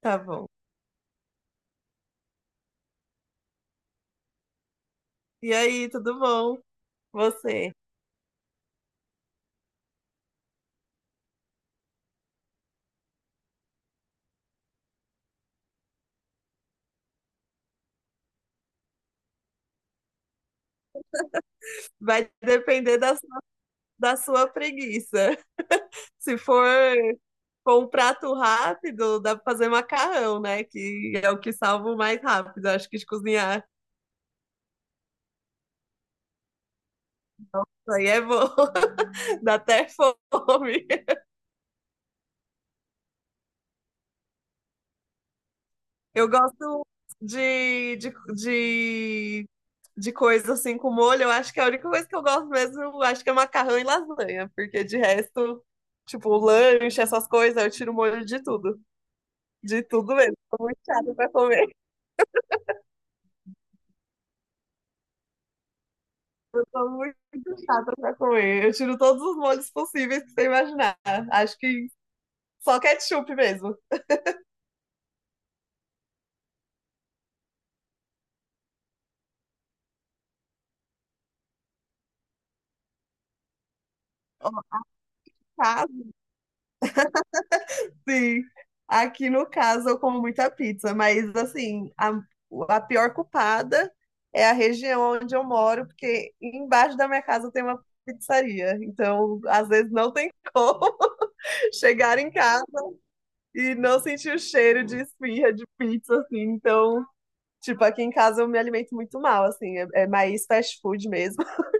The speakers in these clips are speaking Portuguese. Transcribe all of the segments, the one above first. Tá bom. E aí, tudo bom? Você? Vai depender da sua preguiça. Se for com um prato rápido, dá pra fazer macarrão, né? Que é o que salvo mais rápido. Acho que de cozinhar. Isso aí é bom. Dá até fome. Eu gosto de, de, de, de coisa assim com molho. Eu acho que a única coisa que eu gosto mesmo, eu acho que é macarrão e lasanha. Porque de resto, tipo, lanche, essas coisas, eu tiro molho de tudo. De tudo mesmo. Eu tô muito chata pra comer. Eu tô muito chata pra comer. Eu tiro todos os molhos possíveis que você imaginar. Acho que só ketchup mesmo. Ó, caso, sim. Aqui no caso eu como muita pizza, mas assim, a pior culpada é a região onde eu moro, porque embaixo da minha casa tem uma pizzaria. Então, às vezes não tem como chegar em casa e não sentir o cheiro de esfirra, de pizza, assim. Então, tipo, aqui em casa eu me alimento muito mal, assim, é mais fast food mesmo.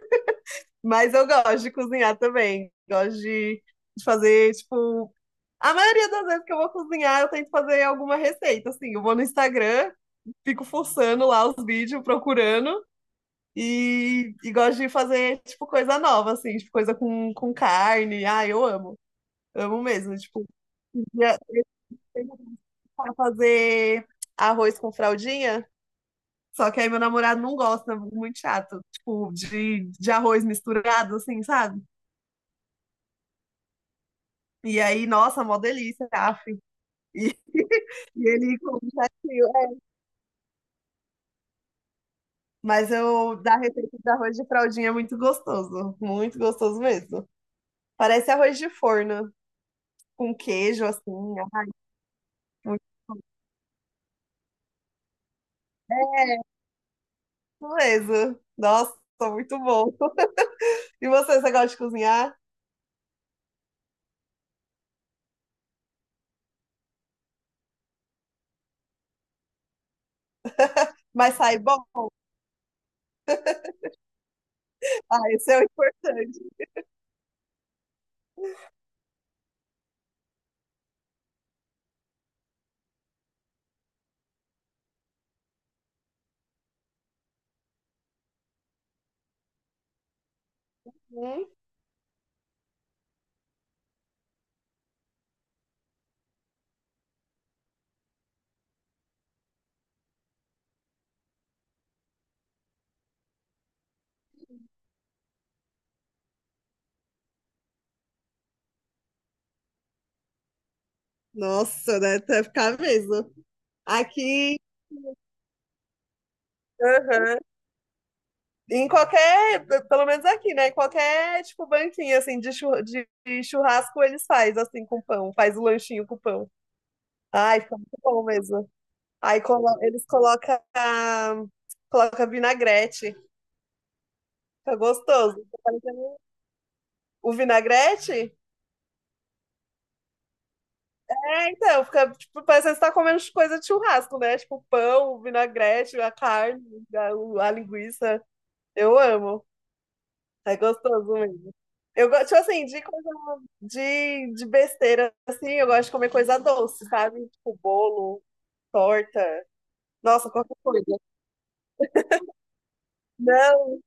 Mas eu gosto de cozinhar também. Gosto de fazer, tipo, a maioria das vezes que eu vou cozinhar, eu tento fazer alguma receita, assim. Eu vou no Instagram, fico forçando lá os vídeos, procurando. E gosto de fazer, tipo, coisa nova, assim, tipo, coisa com carne. Ah, eu amo. Amo mesmo. Tipo, um dia eu tentei fazer arroz com fraldinha. Só que aí meu namorado não gosta, muito chato. Tipo, de arroz misturado, assim, sabe? E aí, nossa, mó delícia, af. E, e ele come chatinho, é. Mas eu, da receita de arroz de fraldinha é muito gostoso. Muito gostoso mesmo. Parece arroz de forno, com queijo, assim. Ai, muito beleza. Nossa, muito bom. E você, você gosta de cozinhar? Mas sai bom? Ah, isso é o importante. Hum. Nossa, né? Deve até ficar mesmo. Aqui aham. Em qualquer, pelo menos aqui, né? Em qualquer, tipo, banquinha, assim, de churrasco, eles faz, assim, com pão. Faz o lanchinho com pão. Ai, fica muito bom mesmo. Eles colocam coloca vinagrete. Fica gostoso. Fica parecendo- o vinagrete? É, então, fica, tipo, parece que você tá comendo coisa de churrasco, né? Tipo, pão, o vinagrete, a carne, a linguiça. Eu amo. É gostoso mesmo. Eu gosto, tipo assim, de coisa de besteira, assim, eu gosto de comer coisa doce, sabe? Tipo bolo, torta, nossa, qualquer coisa. Não,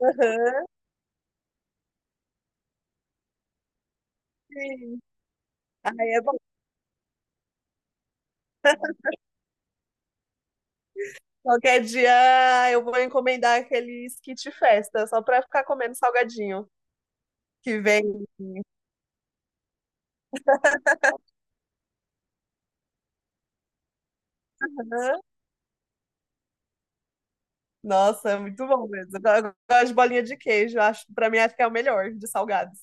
aham, sim. Aí é bom. Qualquer dia eu vou encomendar aquele kit festa, só pra ficar comendo salgadinho que vem. Aham. Nossa, é muito bom mesmo. Eu gosto de bolinha de queijo, acho, pra mim acho que é o melhor de salgados.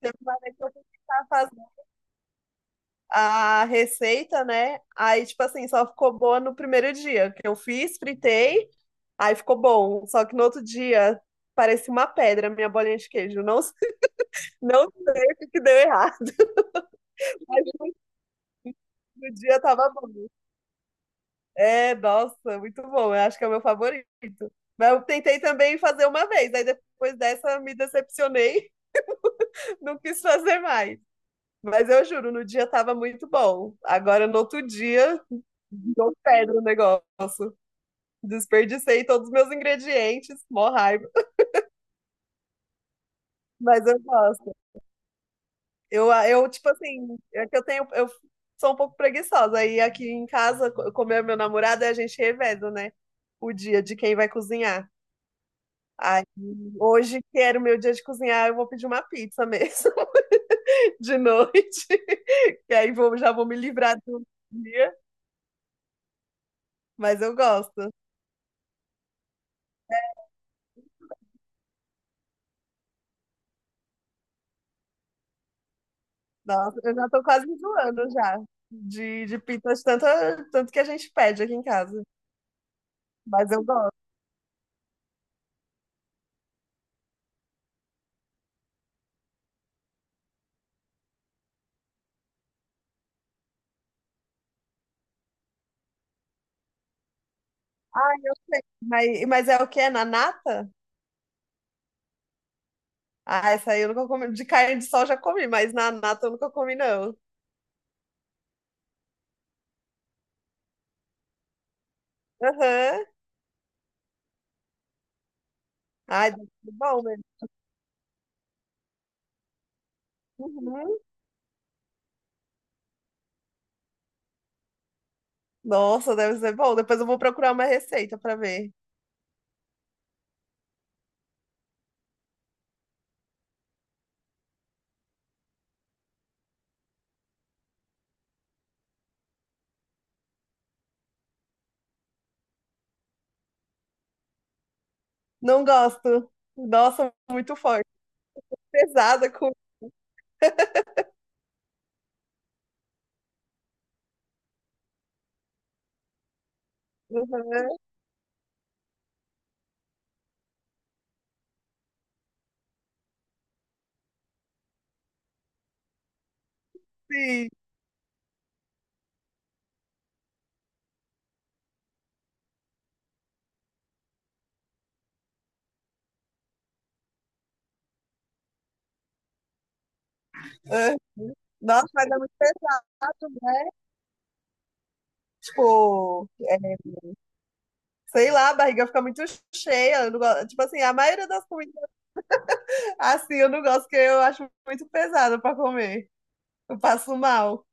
Teve uma vez que eu fui tentar fazer a receita, né? Aí, tipo assim, só ficou boa no primeiro dia que eu fiz, fritei, aí ficou bom. Só que no outro dia parecia uma pedra a minha bolinha de queijo. Não sei o que deu errado. No dia tava bom. É, nossa, muito bom. Eu acho que é o meu favorito. Mas eu tentei também fazer uma vez, aí depois dessa me decepcionei, não quis fazer mais. Mas eu juro, no dia tava muito bom. Agora no outro dia, deu pedra o negócio. Desperdicei todos os meus ingredientes, mó raiva, mas eu gosto. Eu tipo assim, é que eu tenho, eu sou um pouco preguiçosa. Aí aqui em casa, como é meu namorado, a gente reveza, né? O dia de quem vai cozinhar. Aí, hoje, que era o meu dia de cozinhar, eu vou pedir uma pizza mesmo, de noite. Que aí vou, já vou me livrar do dia, mas eu gosto. Nossa, eu já tô quase enjoando já de pizza, de tanto, tanto que a gente pede aqui em casa. Mas eu gosto. Ah, eu sei. Mas é o que? É na nata? Ah, essa aí eu nunca comi. De carne de sol eu já comi, mas na nata eu nunca comi, não. Aham. Ai, deve ser bom mesmo. Uhum. Nossa, deve ser bom. Depois eu vou procurar uma receita pra ver. Não gosto. Nossa, muito forte. Pesada com. Uhum. Sim. Ah, nossa, mas é muito pesado, né? Tipo, é, sei lá, a barriga fica muito cheia. Eu não gosto- Tipo assim, a maioria das comidas assim eu não gosto, porque eu acho muito pesado pra comer. Eu passo mal.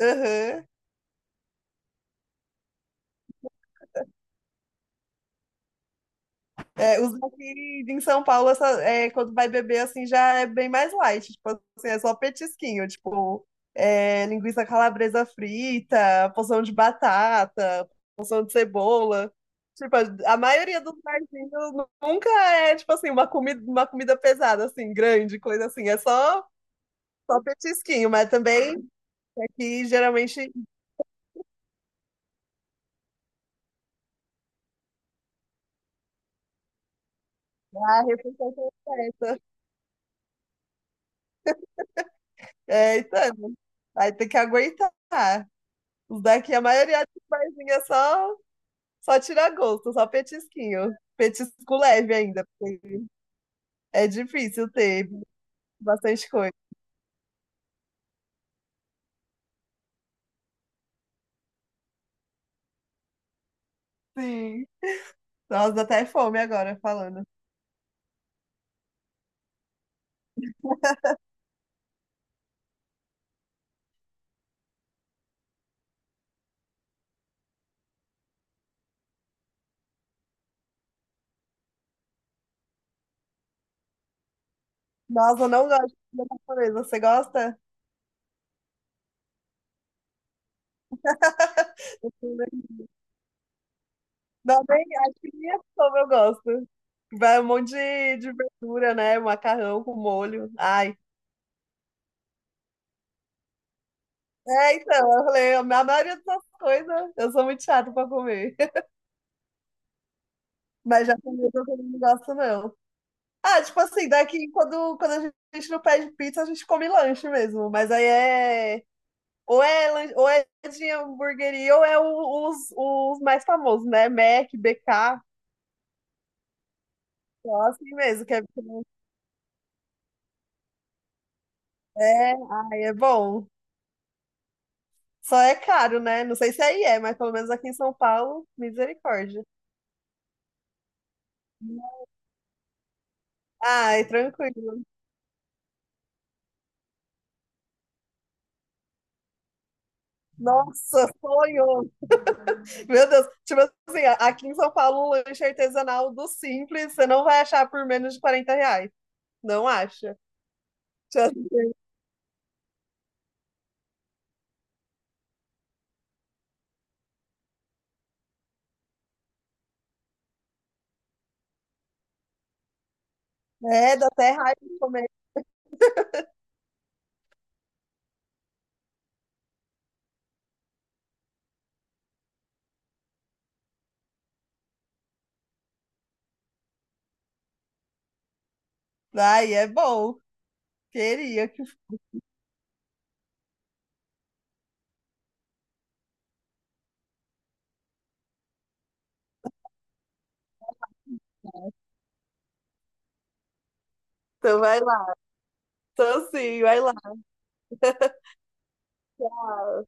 Aham. É, os daqui em São Paulo, essa, é, quando vai beber, assim, já é bem mais light. Tipo assim, é só petisquinho. Tipo, é, linguiça calabresa frita, porção de batata, porção de cebola. Tipo, a maioria dos barzinhos nunca é, tipo assim, uma comida pesada, assim, grande, coisa assim. É só, só petisquinho, mas também aqui geralmente a refeição completa. É, então, aí tem que aguentar. Os daqui, a maioria dos barzinhos é só, só tira gosto, só petisquinho. Petisco leve ainda, porque é difícil ter bastante coisa. Sim. Nossa, dá até fome agora falando. Nossa, eu não gosto de comida japonesa. Você gosta? Não, nem, acho que nem é como eu gosto. Vai um monte de verdura, né? Macarrão com molho. Ai. É, então, eu falei, a maioria dessas coisas eu sou muito chata pra comer. Mas japonesa eu também não gosto, não. Ah, tipo assim, daqui quando, quando a gente não pede pizza, a gente come lanche mesmo. Mas aí é. Ou é, ou é de hamburgueria, ou é os mais famosos, né? Mac, BK, só assim mesmo, que é, é, ai, é bom. Só é caro, né? Não sei se aí é, mas pelo menos aqui em São Paulo, misericórdia. Ai, tranquilo. Nossa, sonho! Meu Deus, tipo assim, aqui em São Paulo, um lanche artesanal do Simples, você não vai achar por menos de R$ 40. Não acha? Já sei. É, dá até raiva de comer. Ai, é bom. Queria. Que- Então vai lá. Então sim, vai lá. Tchau.